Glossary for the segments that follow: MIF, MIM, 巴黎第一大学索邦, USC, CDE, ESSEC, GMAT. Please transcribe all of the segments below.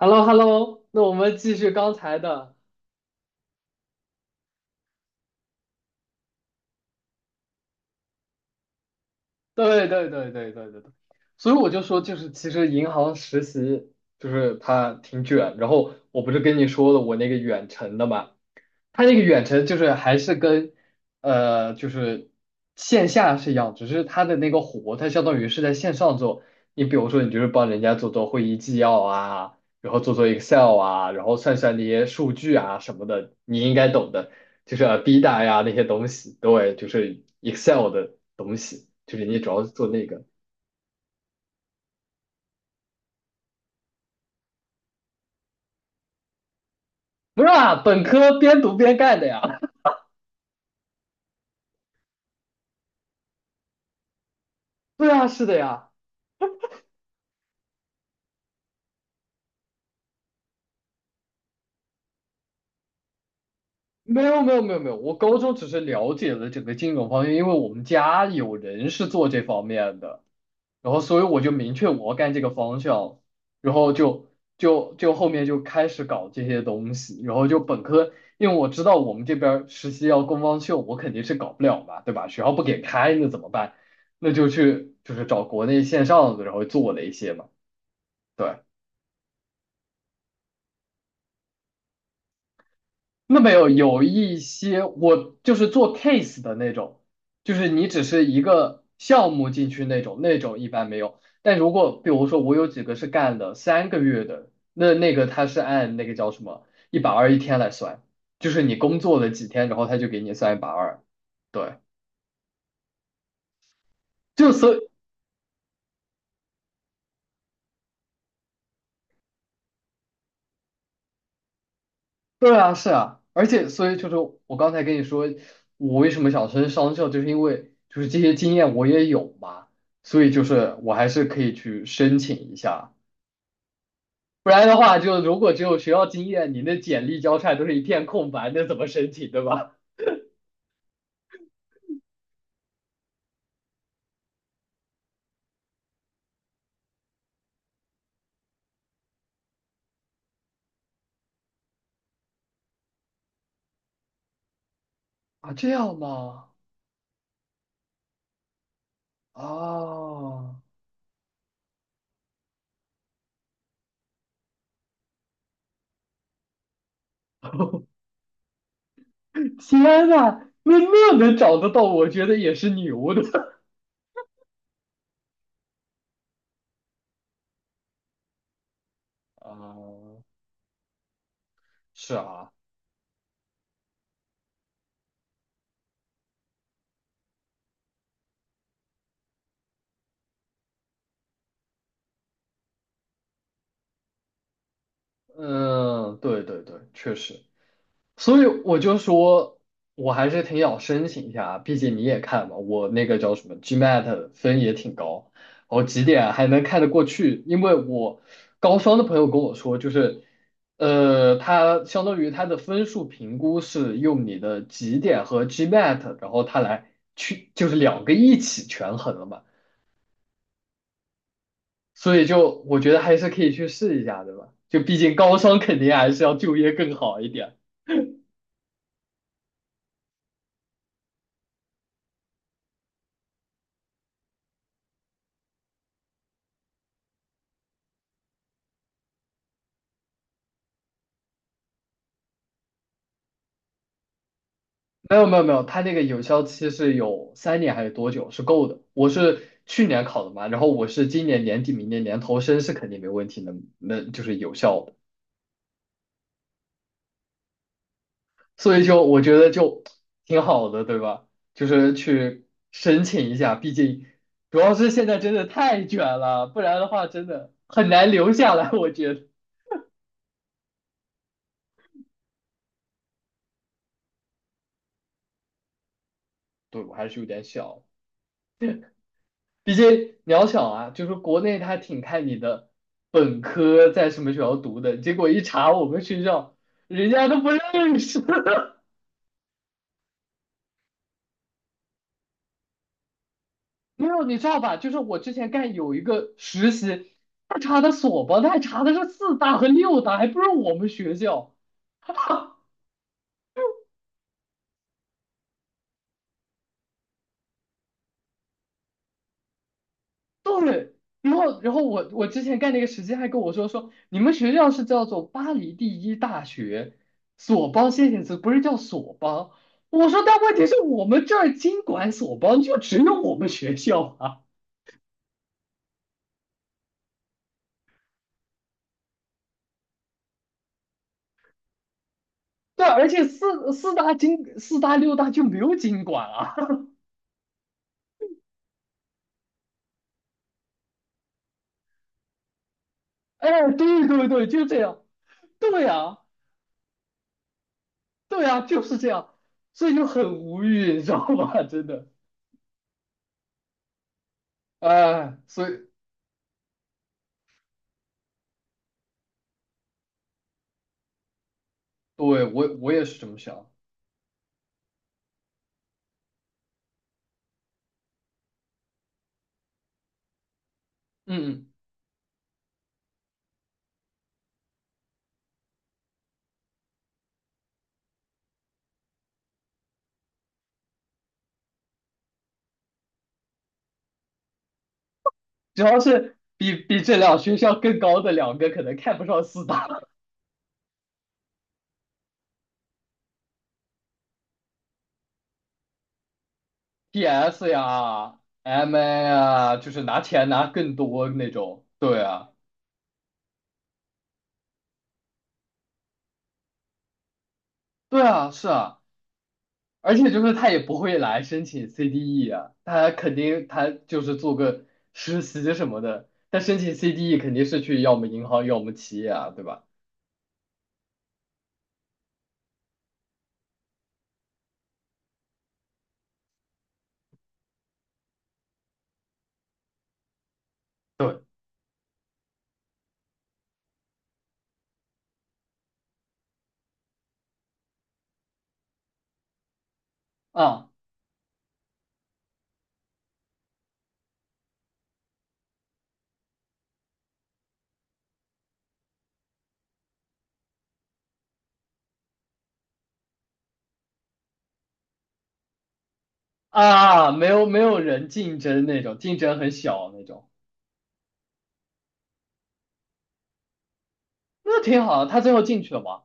h e l l o h e l l o 那我们继续刚才的，对对对对对对对，所以我就说，就是其实银行实习就是它挺卷，然后我不是跟你说了我那个远程的嘛，它那个远程就是还是跟就是线下是一样，只是它的那个活，它相当于是在线上做，你比如说你就是帮人家做做会议纪要啊，然后做做 Excel 啊，然后算算那些数据啊什么的，你应该懂的。就是啊 B 大呀那些东西，对，就是 Excel 的东西，就是你主要是做那个。不是啊，本科边读边干的呀。对啊，是的呀。没有没有没有没有，我高中只是了解了整个金融方面，因为我们家有人是做这方面的。然后所以我就明确我要干这个方向，然后就后面就开始搞这些东西，然后就本科，因为我知道我们这边儿实习要工方秀，我肯定是搞不了嘛，对吧？学校不给开，那怎么办？那就去就是找国内线上的，然后做了一些嘛，对。那没有，有一些我就是做 case 的那种，就是你只是一个项目进去那种，那种一般没有。但如果比如说我有几个是干了3个月的，那那个他是按那个叫什么一百二一天来算，就是你工作了几天，然后他就给你算一百二。对，就所对啊，是啊，而且所以就是我刚才跟你说，我为什么想升商校，就是因为就是这些经验我也有嘛，所以就是我还是可以去申请一下，不然的话，就如果只有学校经验，你那简历交差都是一片空白，那怎么申请，对吧？啊，这样吗？啊，天呐，那那能找得到，我觉得也是牛的。啊，是啊，嗯，对对对，确实。所以我就说，我还是挺想申请一下，毕竟你也看嘛，我那个叫什么 GMAT 分也挺高，我几点还能看得过去？因为我高双的朋友跟我说，就是，呃，他相当于他的分数评估是用你的几点和 GMAT,然后他来去就是两个一起权衡了嘛，所以就我觉得还是可以去试一下，对吧？就毕竟高双肯定还是要就业更好一点。没有没有没有，它那个有效期是有3年还是多久是够的。我是去年考的嘛，然后我是今年年底、明年年头申是肯定没问题能就是有效的。所以就我觉得就挺好的，对吧？就是去申请一下，毕竟主要是现在真的太卷了，不然的话真的很难留下来。我觉得，对，我还是有点小。毕竟渺小啊，就是国内他挺看你的本科在什么学校读的，结果一查我们学校，人家都不认识。没有，你知道吧？就是我之前干有一个实习，他查的所吧，他还查的是四大和六大，还不是我们学校。对，然后我之前干那个实习还跟我说说你们学校是叫做巴黎第一大学索邦先行词不是叫索邦。我说但问题是我们这儿经管索邦就只有我们学校啊，对，而且四大四大六大就没有经管啊。哎，对对对，就这样，对啊对啊就是这样，所以就很无语，你知道吧？真的，哎，所以对我我也是这么想，嗯。嗯主要是比这两学校更高的两个可能看不上四大 PS 呀、MA 啊，就是拿钱拿更多那种。对啊，对啊，是啊，而且就是他也不会来申请 CDE 啊，他肯定他就是做个实习什么的，他申请 CDE 肯定是去要么银行，要么企业啊，对吧？啊啊，没有没有人竞争那种，竞争很小那种，那挺好的他最后进去了吗？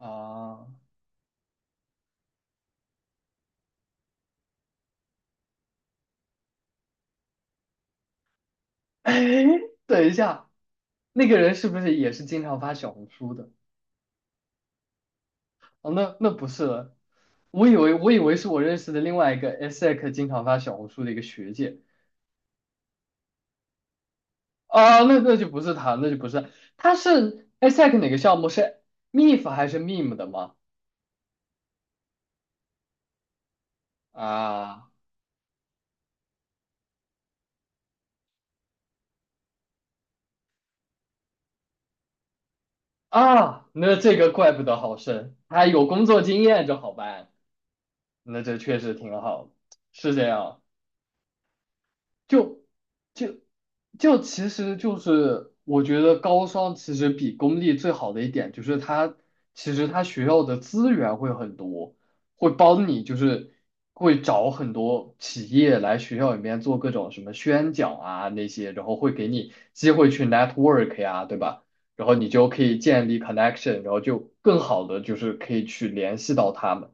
啊。哎，等一下，那个人是不是也是经常发小红书的？哦，那不是了，我以为是我认识的另外一个 ESSEC 经常发小红书的一个学姐啊，那就不是她，那就不是，她是 ESSEC 哪个项目是 MIF 还是 MIM 的吗？啊啊，那这个怪不得好深，他有工作经验就好办，那这确实挺好，是这样。就就其实就是我觉得高商其实比公立最好的一点就是它其实它学校的资源会很多，会帮你就是会找很多企业来学校里面做各种什么宣讲啊那些，然后会给你机会去 network 呀，对吧？然后你就可以建立 connection,然后就更好的就是可以去联系到他们。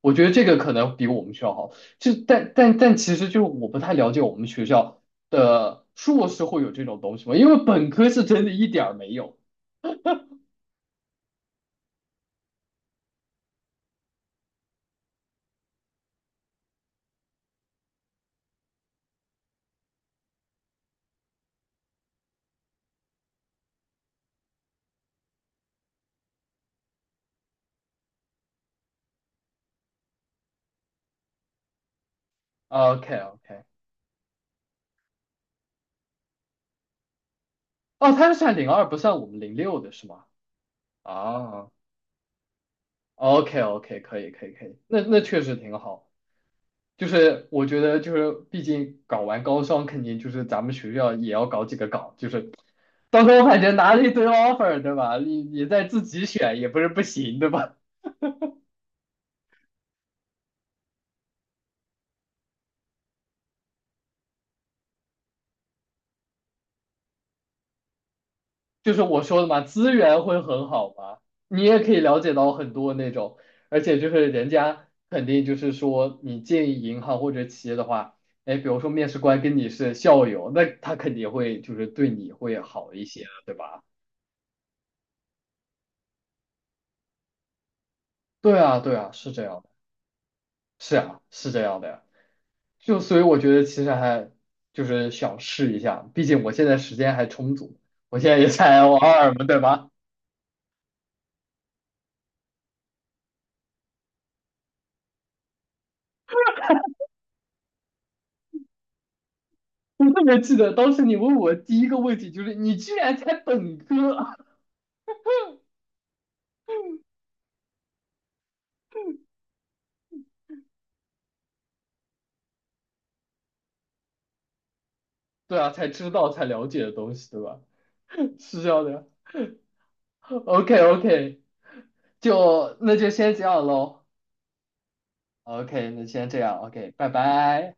我觉得这个可能比我们学校好，就但其实就是我不太了解我们学校的硕士会有这种东西吗？因为本科是真的一点儿没有。OK OK,哦，他是算零二不算我们零六的是吗？啊，OK OK,可以可以可以，那那确实挺好。就是我觉得就是毕竟搞完高双肯定就是咱们学校也要搞几个岗，就是到时候感觉拿了一堆 offer 对吧？你再自己选也不是不行对吧？就是我说的嘛，资源会很好嘛，你也可以了解到很多那种，而且就是人家肯定就是说，你进银行或者企业的话，哎，比如说面试官跟你是校友，那他肯定会就是对你会好一些，对吧？对啊，对啊，是这样的，是啊，是这样的呀。就所以我觉得其实还就是想试一下，毕竟我现在时间还充足，我现在也才 L2嘛，对吧？我特别记得当时你问我第一个问题就是你居然才本科，对啊，才知道才了解的东西，对吧？是这样的。OK OK,就那就先这样喽。OK,那先这样。OK,拜拜。